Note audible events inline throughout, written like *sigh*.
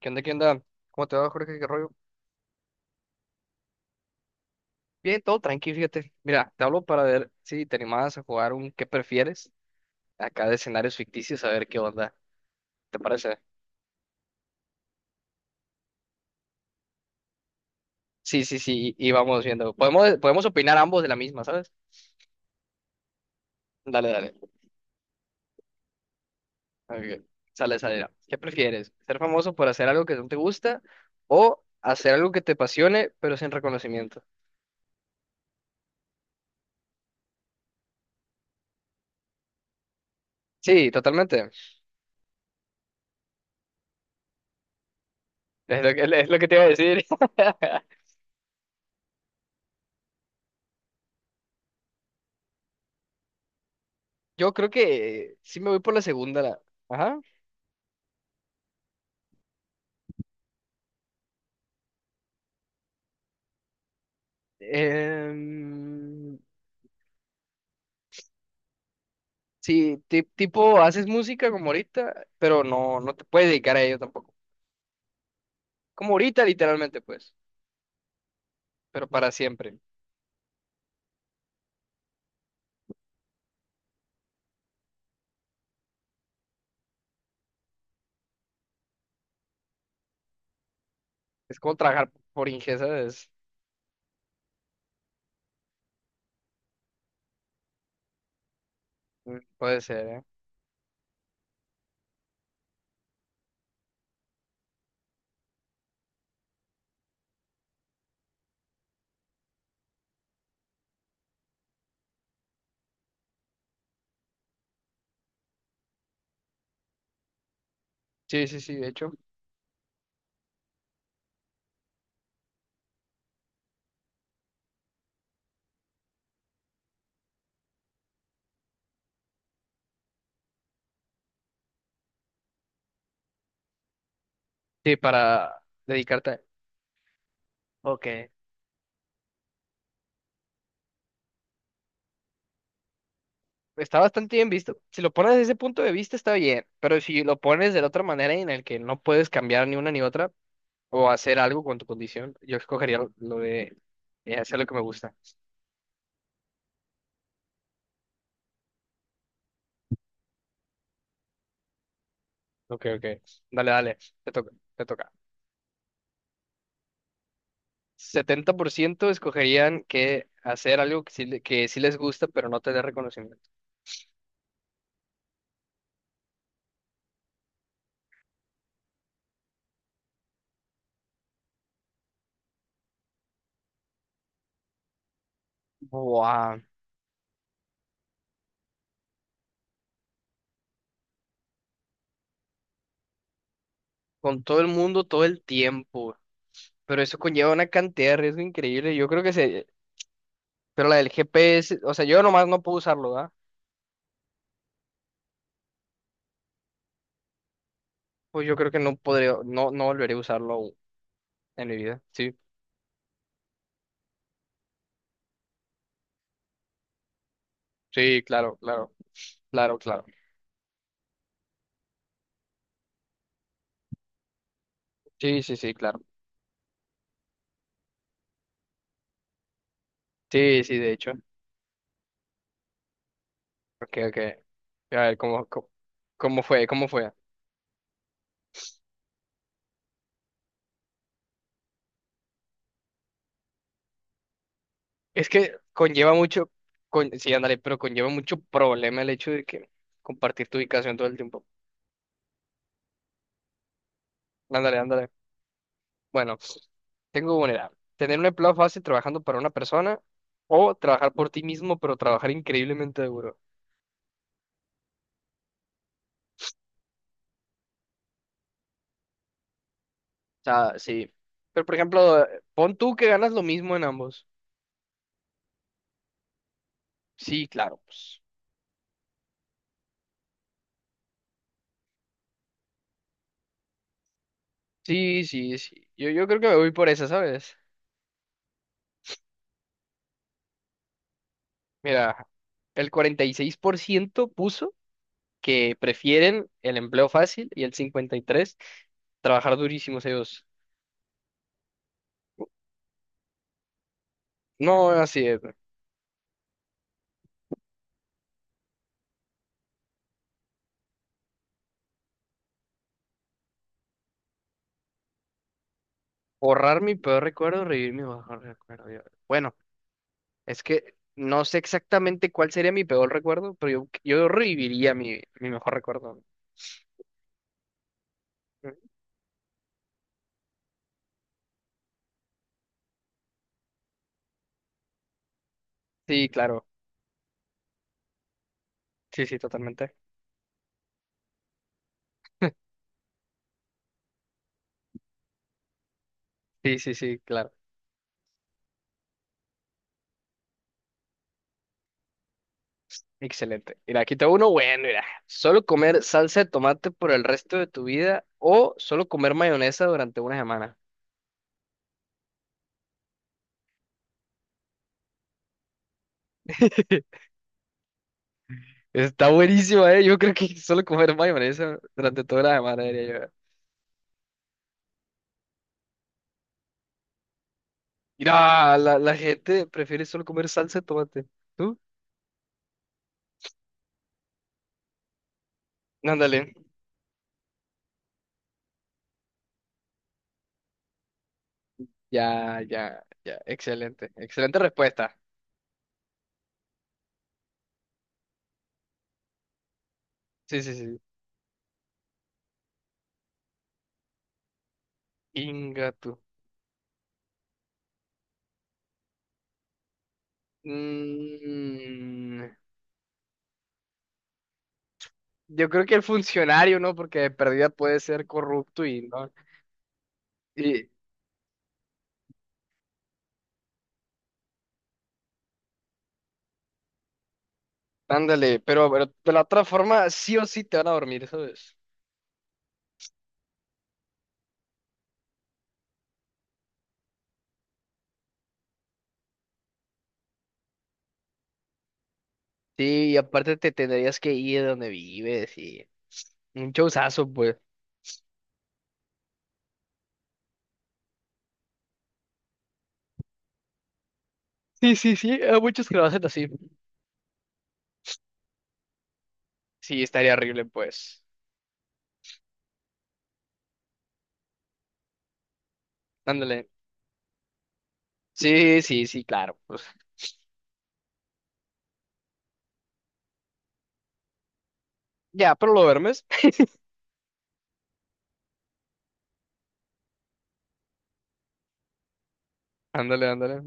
¿Qué onda, qué onda? ¿Cómo te va, Jorge? ¿Qué rollo? Bien, todo tranquilo, fíjate. Mira, te hablo para ver si te animabas a jugar un ¿qué prefieres? Acá de escenarios ficticios, a ver qué onda. ¿Te parece? Sí, sí, sí, y vamos viendo. Podemos opinar ambos de la misma, ¿sabes? Dale, dale. Ok. Sale, sale. Ya. ¿Qué prefieres? ¿Ser famoso por hacer algo que no te gusta o hacer algo que te apasione, pero sin reconocimiento? Sí, totalmente. Es lo que te iba a decir. *laughs* Yo creo que sí me voy por la segunda. Ajá. Em, sí, tipo, haces música como ahorita, pero no, no te puedes dedicar a ello tampoco. Como ahorita, literalmente, pues, pero para siempre. Es como trabajar por ingesa, es, puede ser, ¿eh? Sí, sí, sí, de hecho. Sí, para dedicarte a... Ok. Está bastante bien visto. Si lo pones desde ese punto de vista, está bien, pero si lo pones de la otra manera en el que no puedes cambiar ni una ni otra o hacer algo con tu condición, yo escogería lo de hacer lo que me gusta. Ok, ok. Dale, dale. Te toca, te toca. 70% escogerían que hacer algo que sí, que sí les gusta, pero no tener reconocimiento. Buah. Con todo el mundo, todo el tiempo. Pero eso conlleva una cantidad de riesgo increíble. Yo creo que se... Pero la del GPS, o sea, yo nomás no puedo usarlo, ¿verdad? Pues yo creo que no podría, no, no volveré a usarlo aún en mi vida. Sí, sí, claro, claro, claro, claro. Sí, sí, sí, claro. Sí, sí, de hecho. Ok, ok. A ver, ¿cómo fue? ¿Cómo fue? Es que conlleva mucho, sí, ándale, pero conlleva mucho problema el hecho de que compartir tu ubicación todo el tiempo. Ándale, ándale. Bueno, tengo una edad. Tener un empleo fácil trabajando para una persona o trabajar por ti mismo, pero trabajar increíblemente duro. O sea, sí. Pero, por ejemplo, pon tú que ganas lo mismo en ambos. Sí, claro, pues. Sí, sí, sí. Yo creo que me voy por esa, ¿sabes? Mira, el 46% puso que prefieren el empleo fácil y el 53 trabajar durísimos ellos. No, así es. Borrar mi peor recuerdo, revivir mi mejor recuerdo. Bueno, es que no sé exactamente cuál sería mi peor recuerdo, pero yo reviviría mi mejor recuerdo. Sí, claro. Sí, sí, totalmente. *laughs* Sí, sí, sí, claro. Excelente. Mira, aquí tengo uno bueno, mira. Solo comer salsa de tomate por el resto de tu vida o solo comer mayonesa durante una semana. *laughs* Está buenísima, ¿eh? Yo creo que solo comer mayonesa durante toda la semana, diría yo. Mira, la gente prefiere solo comer salsa de tomate. ¿Tú? Ándale. Ya, ya, ya. Excelente. Excelente respuesta. Sí, sí, sí. Inga tú. Mm, yo creo que el funcionario, ¿no? Porque de perdida puede ser corrupto y no. Y ándale, pero de la otra forma, sí o sí te van a dormir, ¿sabes? Sí, y aparte te tendrías que ir de donde vives y un showzazo, pues. Sí, sí, sí, hay muchos que lo hacen así. Sí, estaría horrible, pues. Ándale. Sí, sí, sí, claro, pues. Ya, pero lo duermes. Ándale, ándale.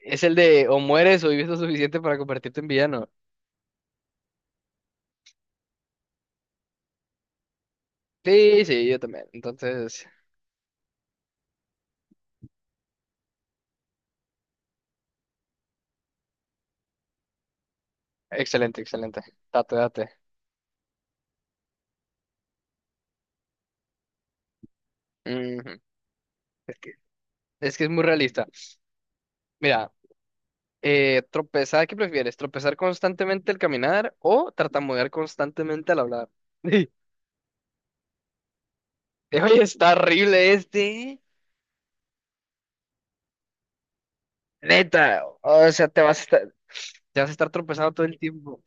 Es el de o mueres o vives lo suficiente para convertirte en villano. Sí, sí, yo también. Entonces, excelente, excelente. Date, date. Ujú. Es que, es que es muy realista. Mira, tropezar, ¿qué prefieres? ¿Tropezar constantemente al caminar o tartamudear constantemente al hablar? *laughs* Oye, está horrible este. Neta, o sea, te vas a estar. Te vas a estar tropezando todo el tiempo.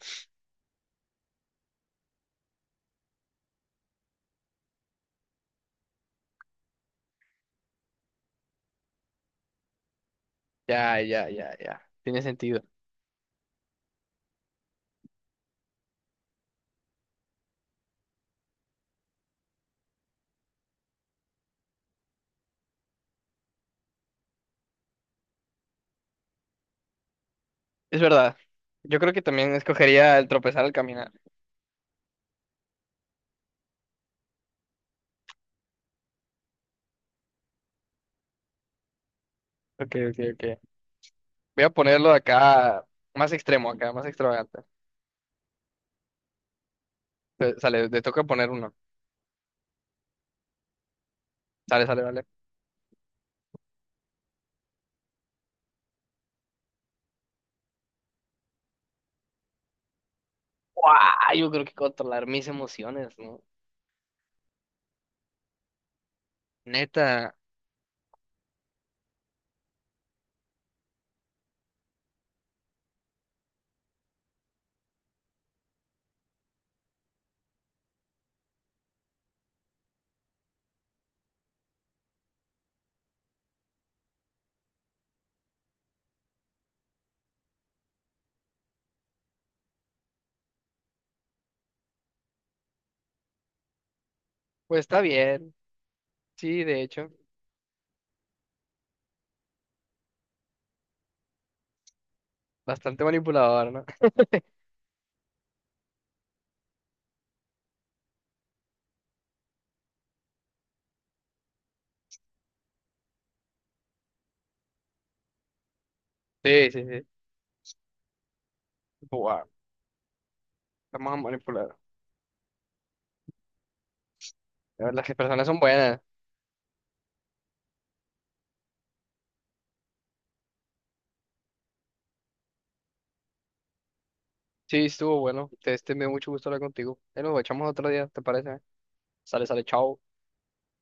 Ya, ya, ya, ya. Tiene sentido. Es verdad. Yo creo que también escogería el tropezar al caminar. Ok, ok, ok. Voy a ponerlo acá más extremo, acá más extravagante. Sale, te toca poner uno. Sale, sale, vale. ¡Guau! Yo creo que controlar mis emociones, ¿no? Neta. Pues está bien. Sí, de hecho. Bastante manipulador, ¿no? *laughs* Sí, sí, sí. Wow, estamos a manipular. A ver, las personas son buenas. Sí, estuvo bueno. Este me dio mucho gusto hablar contigo. Ahí nos echamos otro día, ¿te parece? Sale, sale, chao.